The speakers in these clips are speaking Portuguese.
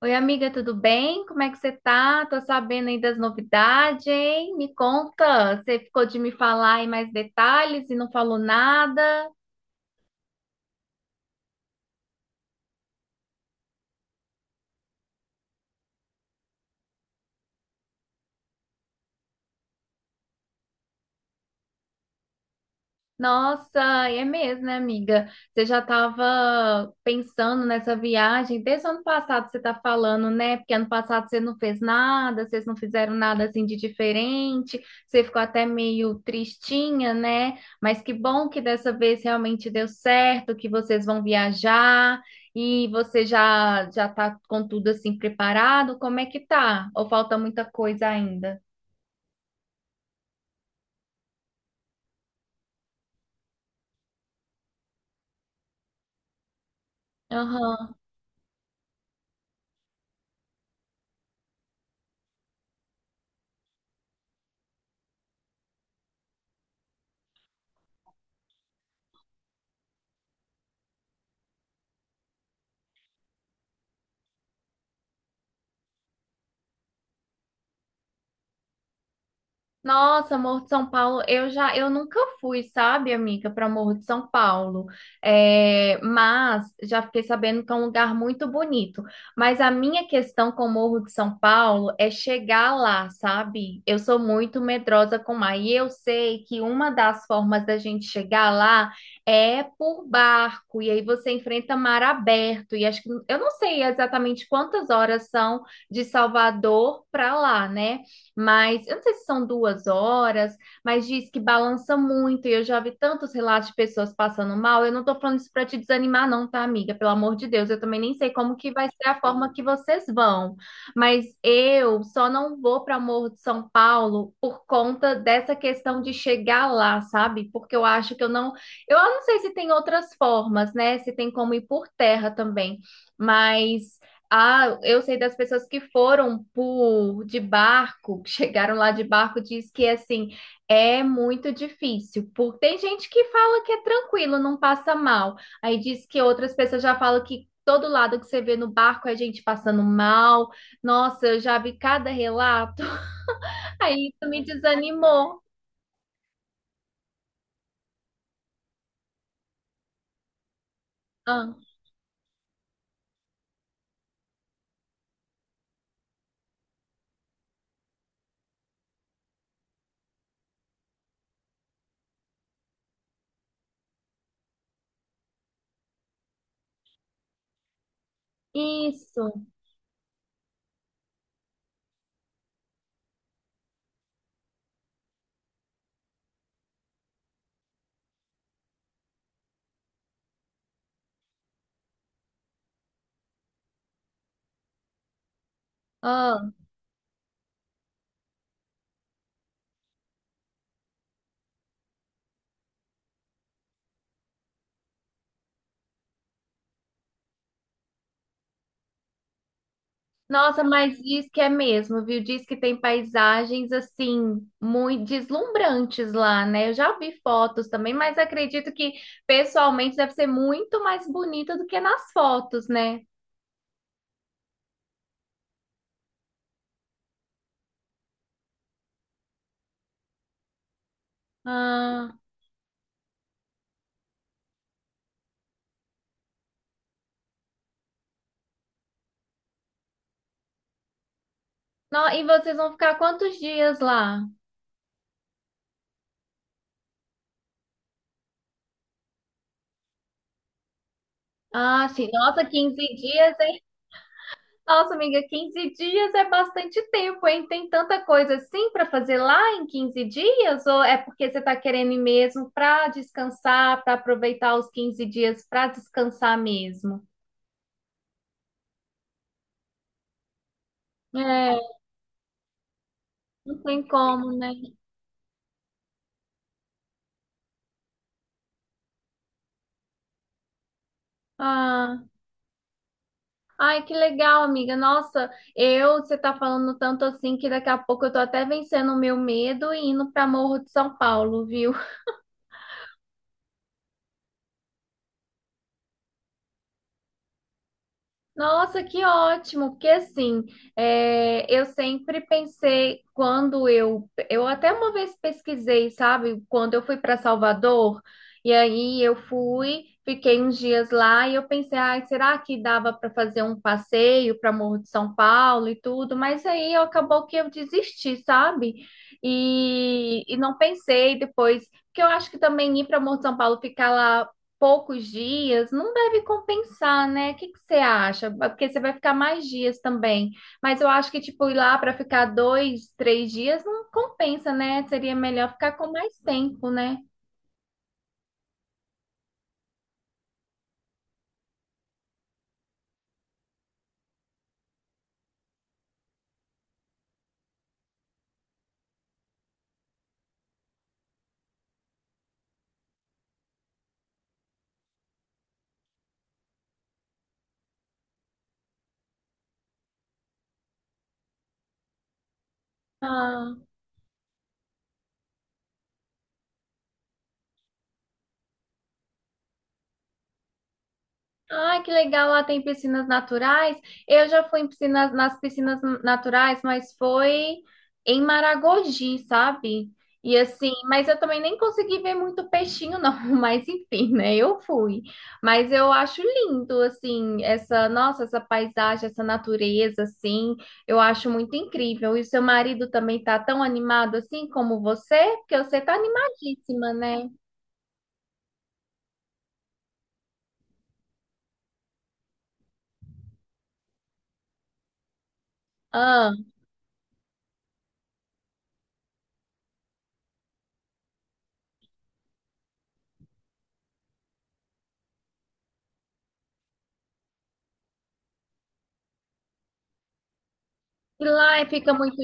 Oi, amiga, tudo bem? Como é que você tá? Tô sabendo aí das novidades, hein? Me conta, você ficou de me falar aí mais detalhes e não falou nada? Nossa, é mesmo, né, amiga? Você já estava pensando nessa viagem desde o ano passado, você está falando, né? Porque ano passado você não fez nada, vocês não fizeram nada assim de diferente, você ficou até meio tristinha, né? Mas que bom que dessa vez realmente deu certo, que vocês vão viajar e você já já está com tudo assim preparado. Como é que tá? Ou falta muita coisa ainda? Aham. Nossa, Morro de São Paulo, eu nunca fui, sabe, amiga, para Morro de São Paulo. É, mas já fiquei sabendo que é um lugar muito bonito. Mas a minha questão com o Morro de São Paulo é chegar lá, sabe? Eu sou muito medrosa com o mar e eu sei que uma das formas da gente chegar lá é por barco e aí você enfrenta mar aberto e acho que eu não sei exatamente quantas horas são de Salvador para lá, né? Mas eu não sei se são duas horas, mas diz que balança muito, e eu já vi tantos relatos de pessoas passando mal. Eu não tô falando isso para te desanimar, não, tá, amiga? Pelo amor de Deus, eu também nem sei como que vai ser a forma que vocês vão, mas eu só não vou para Morro de São Paulo por conta dessa questão de chegar lá, sabe? Porque eu acho que eu não. Eu não sei se tem outras formas, né? Se tem como ir por terra também, mas. Ah, eu sei das pessoas que foram por de barco, que chegaram lá de barco, diz que assim é muito difícil. Porque tem gente que fala que é tranquilo, não passa mal. Aí diz que outras pessoas já falam que todo lado que você vê no barco é gente passando mal. Nossa, eu já vi cada relato. Aí isso me desanimou. Ah, isso. Ah. Nossa, mas diz que é mesmo, viu? Diz que tem paisagens assim muito deslumbrantes lá, né? Eu já vi fotos também, mas acredito que pessoalmente deve ser muito mais bonita do que nas fotos, né? Ah, não, e vocês vão ficar quantos dias lá? Ah, sim. Nossa, 15 dias. Nossa, amiga, 15 dias é bastante tempo, hein? Tem tanta coisa assim para fazer lá em 15 dias? Ou é porque você está querendo ir mesmo para descansar, para aproveitar os 15 dias para descansar mesmo? É, não tem como, né? Ah, ai, que legal, amiga. Nossa, você tá falando tanto assim que daqui a pouco eu tô até vencendo o meu medo e indo para Morro de São Paulo, viu? Nossa, que ótimo, porque assim, é, eu sempre pensei quando eu até uma vez pesquisei, sabe, quando eu fui para Salvador, e aí eu fui, fiquei uns dias lá e eu pensei, ai, será que dava para fazer um passeio para Morro de São Paulo e tudo, mas aí acabou que eu desisti, sabe? E não pensei depois, porque eu acho que também ir para Morro de São Paulo, ficar lá poucos dias, não deve compensar, né? O que que você acha? Porque você vai ficar mais dias também. Mas eu acho que, tipo, ir lá para ficar dois, três dias não compensa, né? Seria melhor ficar com mais tempo, né? Ah. Ah, que legal, lá tem piscinas naturais. Eu já fui em piscinas, nas piscinas naturais, mas foi em Maragogi, sabe? E assim, mas eu também nem consegui ver muito peixinho, não. Mas enfim, né? Eu fui. Mas eu acho lindo, assim, essa, nossa, essa paisagem, essa natureza, assim, eu acho muito incrível. E seu marido também tá tão animado assim como você, porque você tá animadíssima, né? Ah, e lá fica muito.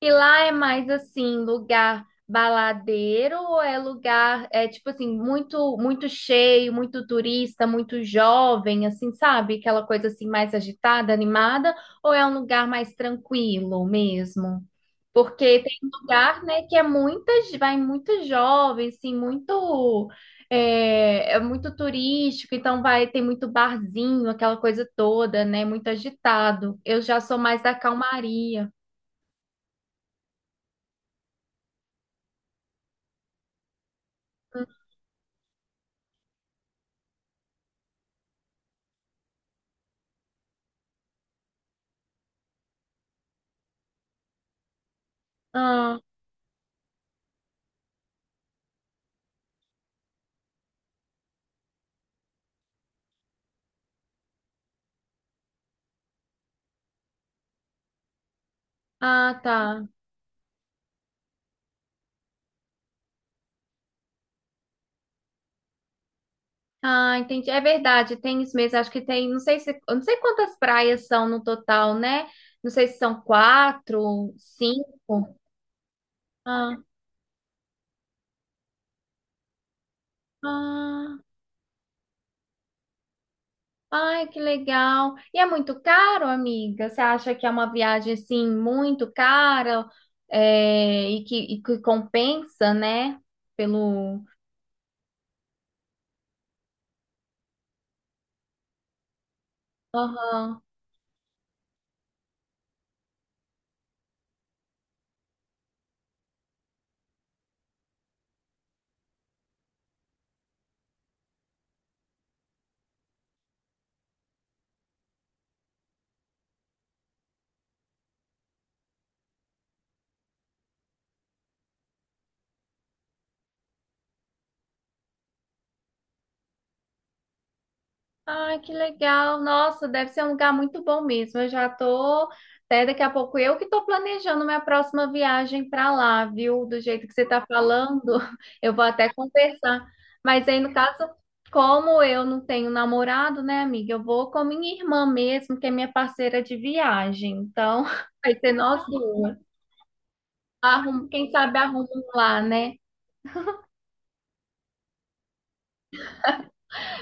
E lá é mais assim, lugar baladeiro ou é lugar, é tipo assim, muito cheio, muito turista, muito jovem, assim, sabe? Aquela coisa assim mais agitada, animada, ou é um lugar mais tranquilo mesmo? Porque tem um lugar, né, que é muitas, vai muito jovem, assim, muito é, é muito turístico, então vai tem muito barzinho, aquela coisa toda, né, muito agitado. Eu já sou mais da calmaria. Ah. Ah, tá. Ah, entendi. É verdade, tem isso mesmo. Acho que tem, não sei se, eu não sei quantas praias são no total, né? Não sei se são quatro, cinco. Ah, ah, ai, que legal. E é muito caro, amiga? Você acha que é uma viagem assim muito cara, e que compensa, né? Pelo. Aham. Ai, que legal. Nossa, deve ser um lugar muito bom mesmo. Eu já tô, até daqui a pouco eu que tô planejando minha próxima viagem para lá, viu? Do jeito que você tá falando, eu vou até conversar. Mas aí, no caso, como eu não tenho namorado, né, amiga? Eu vou com minha irmã mesmo, que é minha parceira de viagem. Então, vai ser nós duas. Arrum, quem sabe arrumam lá, né?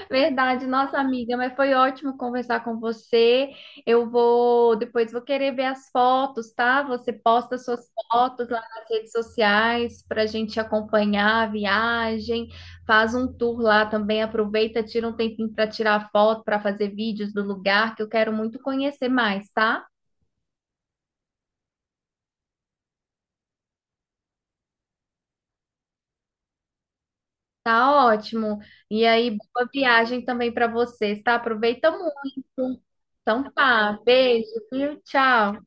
Verdade, nossa amiga, mas foi ótimo conversar com você. Eu vou, depois vou querer ver as fotos, tá? Você posta suas fotos lá nas redes sociais para a gente acompanhar a viagem, faz um tour lá também, aproveita, tira um tempinho para tirar foto, para fazer vídeos do lugar, que eu quero muito conhecer mais, tá? Tá ótimo. E aí, boa viagem também para vocês, tá? Aproveita muito. Então tá, beijo, viu? Tchau.